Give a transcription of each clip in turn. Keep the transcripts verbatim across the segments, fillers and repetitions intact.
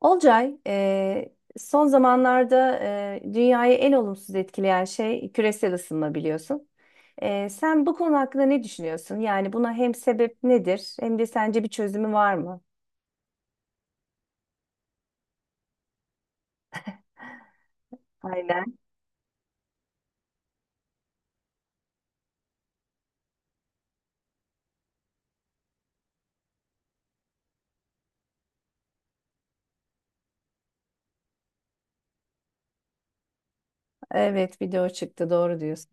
Olcay, e, son zamanlarda e, dünyayı en olumsuz etkileyen şey küresel ısınma biliyorsun. E, sen bu konu hakkında ne düşünüyorsun? Yani buna hem sebep nedir hem de sence bir çözümü var mı? Aynen. Evet, bir de o çıktı, doğru diyorsun.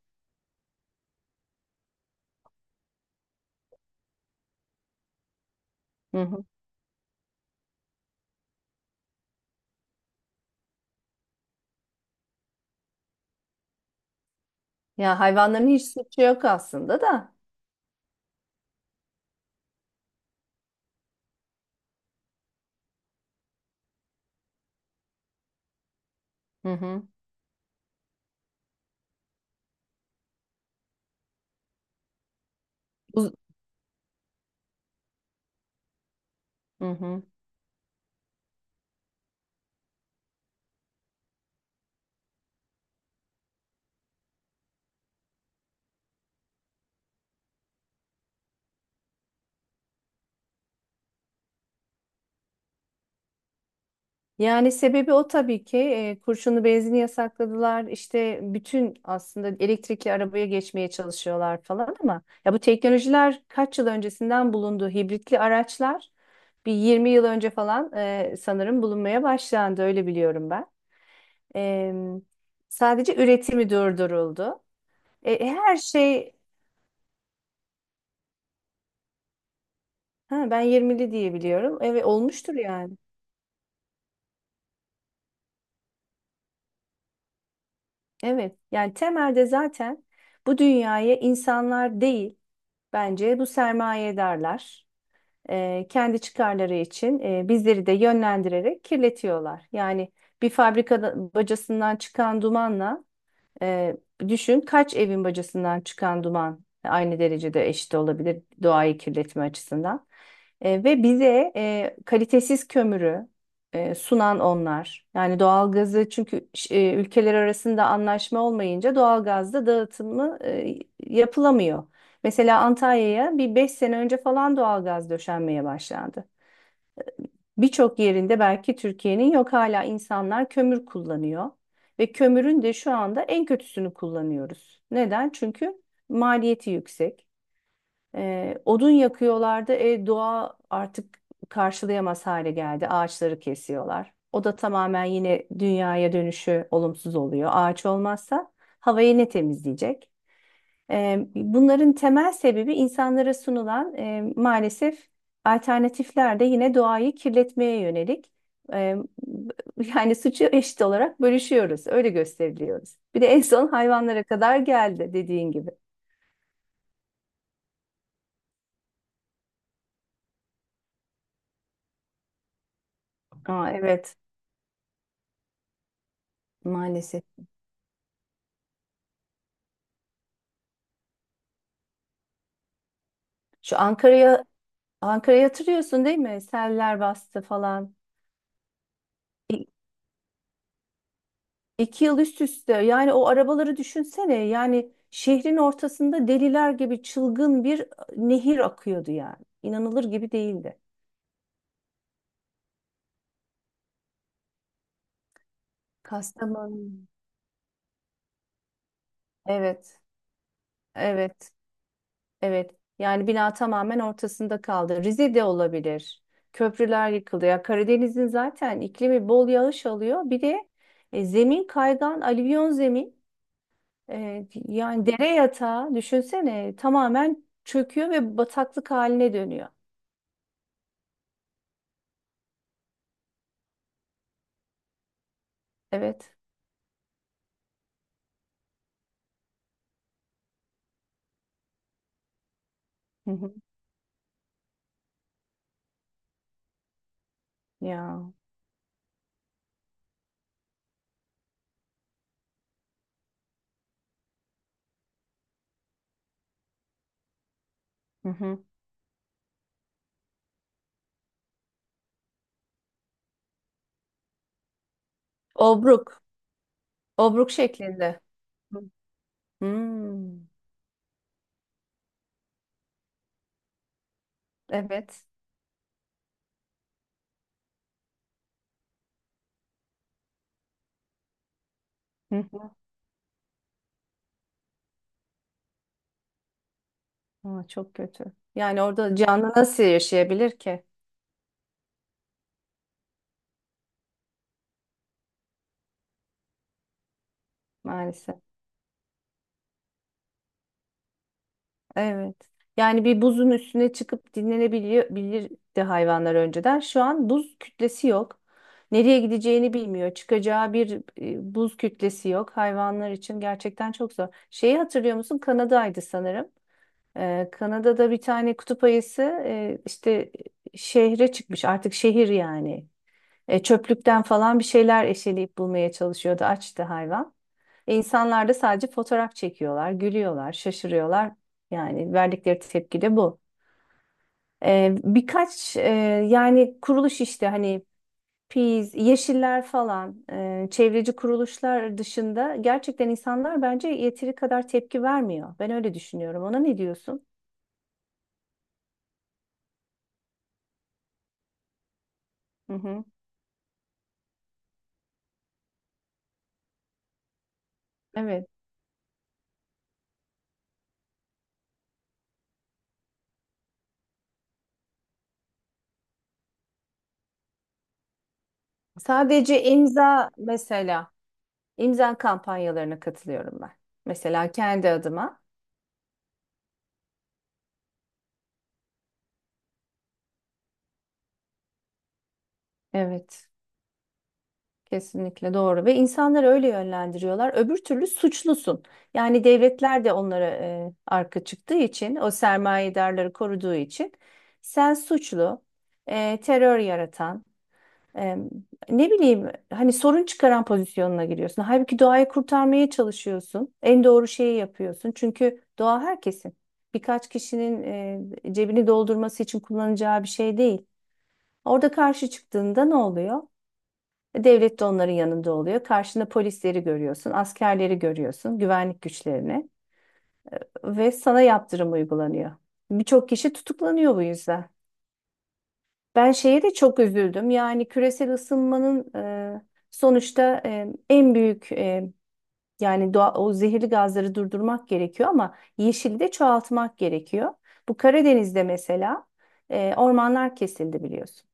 Hı hı. Ya hayvanların hiç suçu yok aslında da. Hı hı. Uz- Hı hı. Yani sebebi o tabii ki, e, kurşunlu benzini yasakladılar. İşte bütün aslında elektrikli arabaya geçmeye çalışıyorlar falan, ama ya bu teknolojiler kaç yıl öncesinden bulundu, hibritli araçlar bir yirmi yıl önce falan e, sanırım bulunmaya başlandı, öyle biliyorum ben. E, Sadece üretimi durduruldu. E, e, her şey, ha, ben yirmili diye biliyorum, evet, olmuştur yani. Evet, yani temelde zaten bu dünyaya insanlar değil, bence bu sermayedarlar e, kendi çıkarları için e, bizleri de yönlendirerek kirletiyorlar. Yani bir fabrika bacasından çıkan dumanla, ee, düşün, kaç evin bacasından çıkan duman aynı derecede eşit olabilir doğayı kirletme açısından. Ee, ve bize e, kalitesiz kömürü e, sunan onlar. Yani doğalgazı, çünkü ş- e, ülkeler arasında anlaşma olmayınca doğalgazda dağıtımı e, yapılamıyor. Mesela Antalya'ya bir beş sene önce falan doğalgaz döşenmeye başlandı. Birçok yerinde belki Türkiye'nin yok, hala insanlar kömür kullanıyor ve kömürün de şu anda en kötüsünü kullanıyoruz. Neden? Çünkü maliyeti yüksek. Ee, odun yakıyorlardı. E, doğa artık karşılayamaz hale geldi. Ağaçları kesiyorlar. O da tamamen yine dünyaya dönüşü olumsuz oluyor. Ağaç olmazsa havayı ne temizleyecek? E, bunların temel sebebi insanlara sunulan, e, maalesef alternatifler de yine doğayı kirletmeye yönelik. E, Yani suçu eşit olarak bölüşüyoruz, öyle gösteriliyoruz. Bir de en son hayvanlara kadar geldi dediğin gibi. Aa, evet, maalesef. Şu Ankara'ya, Ankara'yı hatırlıyorsun değil mi? Seller bastı falan. İki yıl üst üste, yani o arabaları düşünsene, yani şehrin ortasında deliler gibi çılgın bir e, nehir akıyordu yani. İnanılır gibi değildi. Kastamonu. Evet, evet, evet. Yani bina tamamen ortasında kaldı. Rize de olabilir. Köprüler yıkıldı. Ya Karadeniz'in zaten iklimi bol yağış alıyor. Bir de e, zemin kaygan, alüvyon zemin. E, yani dere yatağı düşünsene, tamamen çöküyor ve bataklık haline dönüyor. Evet. Hı hı. Ya. Hı hı. Obruk. Obruk şeklinde. Hı. Hmm. Evet. Hı hı. Aa, çok kötü. Yani orada canlı nasıl yaşayabilir ki, maalesef. Evet. Yani bir buzun üstüne çıkıp dinlenebiliyor bilirdi hayvanlar önceden. Şu an buz kütlesi yok. Nereye gideceğini bilmiyor. Çıkacağı bir e, buz kütlesi yok. Hayvanlar için gerçekten çok zor. Şeyi hatırlıyor musun? Kanada'ydı sanırım. Ee, Kanada'da bir tane kutup ayısı e, işte şehre çıkmış, artık şehir yani. E, çöplükten falan bir şeyler eşeleyip bulmaya çalışıyordu, açtı hayvan. E, İnsanlar da sadece fotoğraf çekiyorlar, gülüyorlar, şaşırıyorlar. Yani verdikleri tepki de bu. E, birkaç e, yani kuruluş, işte hani Peace, Yeşiller falan, e, çevreci kuruluşlar dışında gerçekten insanlar bence yeteri kadar tepki vermiyor. Ben öyle düşünüyorum. Ona ne diyorsun? Hı hı. Evet. Sadece imza mesela, imza kampanyalarına katılıyorum ben. Mesela kendi adıma. Evet, kesinlikle doğru ve insanları öyle yönlendiriyorlar. Öbür türlü suçlusun. Yani devletler de onlara e, arka çıktığı için, o sermayedarları koruduğu için sen suçlu, e, terör yaratan, Eee, ne bileyim hani sorun çıkaran pozisyonuna giriyorsun. Halbuki doğayı kurtarmaya çalışıyorsun. En doğru şeyi yapıyorsun. Çünkü doğa herkesin. Birkaç kişinin eee, cebini doldurması için kullanacağı bir şey değil. Orada karşı çıktığında ne oluyor? E, Devlet de onların yanında oluyor. Karşında polisleri görüyorsun, askerleri görüyorsun, güvenlik güçlerini ve sana yaptırım uygulanıyor. Birçok kişi tutuklanıyor bu yüzden. Ben şeye de çok üzüldüm. Yani küresel ısınmanın e, sonuçta e, en büyük e, yani doğa, o zehirli gazları durdurmak gerekiyor ama yeşili de çoğaltmak gerekiyor. Bu Karadeniz'de mesela e, ormanlar kesildi biliyorsun.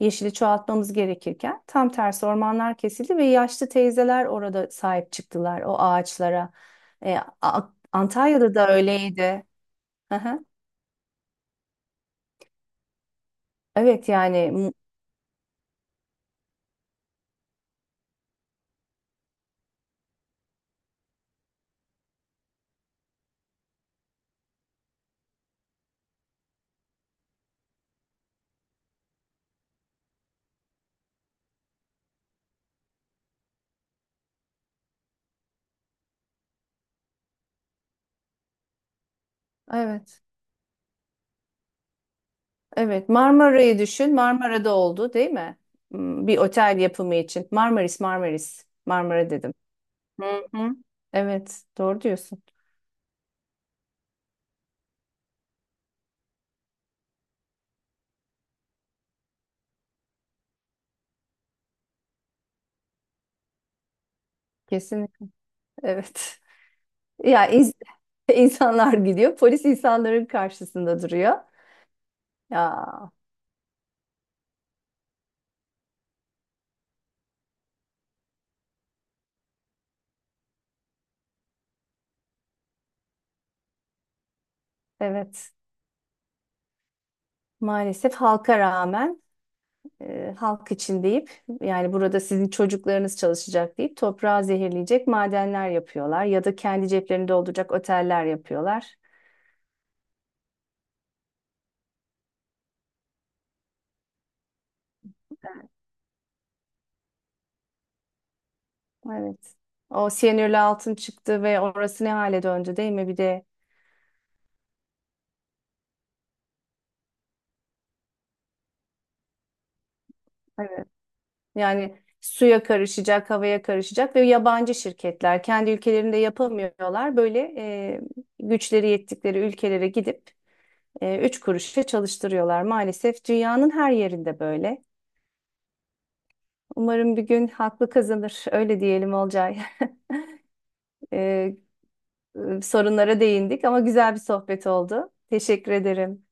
Yeşili çoğaltmamız gerekirken tam tersi ormanlar kesildi ve yaşlı teyzeler orada sahip çıktılar o ağaçlara. E, A- Antalya'da da öyleydi. Hı hı. Evet yani mu- evet. Evet, Marmara'yı düşün. Marmara'da oldu, değil mi? Hmm, bir otel yapımı için. Marmaris, Marmaris. Marmara dedim. Hı hı. Evet, doğru diyorsun. Kesinlikle. Evet. Ya ins- insanlar gidiyor, polis insanların karşısında duruyor. Ya evet. Maalesef halka rağmen, e, halk için deyip, yani burada sizin çocuklarınız çalışacak deyip toprağı zehirleyecek madenler yapıyorlar ya da kendi ceplerini dolduracak oteller yapıyorlar. Evet. O siyanürlü altın çıktı ve orası ne hale döndü, değil mi? Bir de evet, yani suya karışacak, havaya karışacak ve yabancı şirketler kendi ülkelerinde yapamıyorlar. Böyle e, güçleri yettikleri ülkelere gidip e, üç kuruşa çalıştırıyorlar. Maalesef dünyanın her yerinde böyle. Umarım bir gün haklı kazanır. Öyle diyelim Olcay. E, e, sorunlara değindik ama güzel bir sohbet oldu. Teşekkür ederim.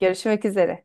Görüşmek üzere.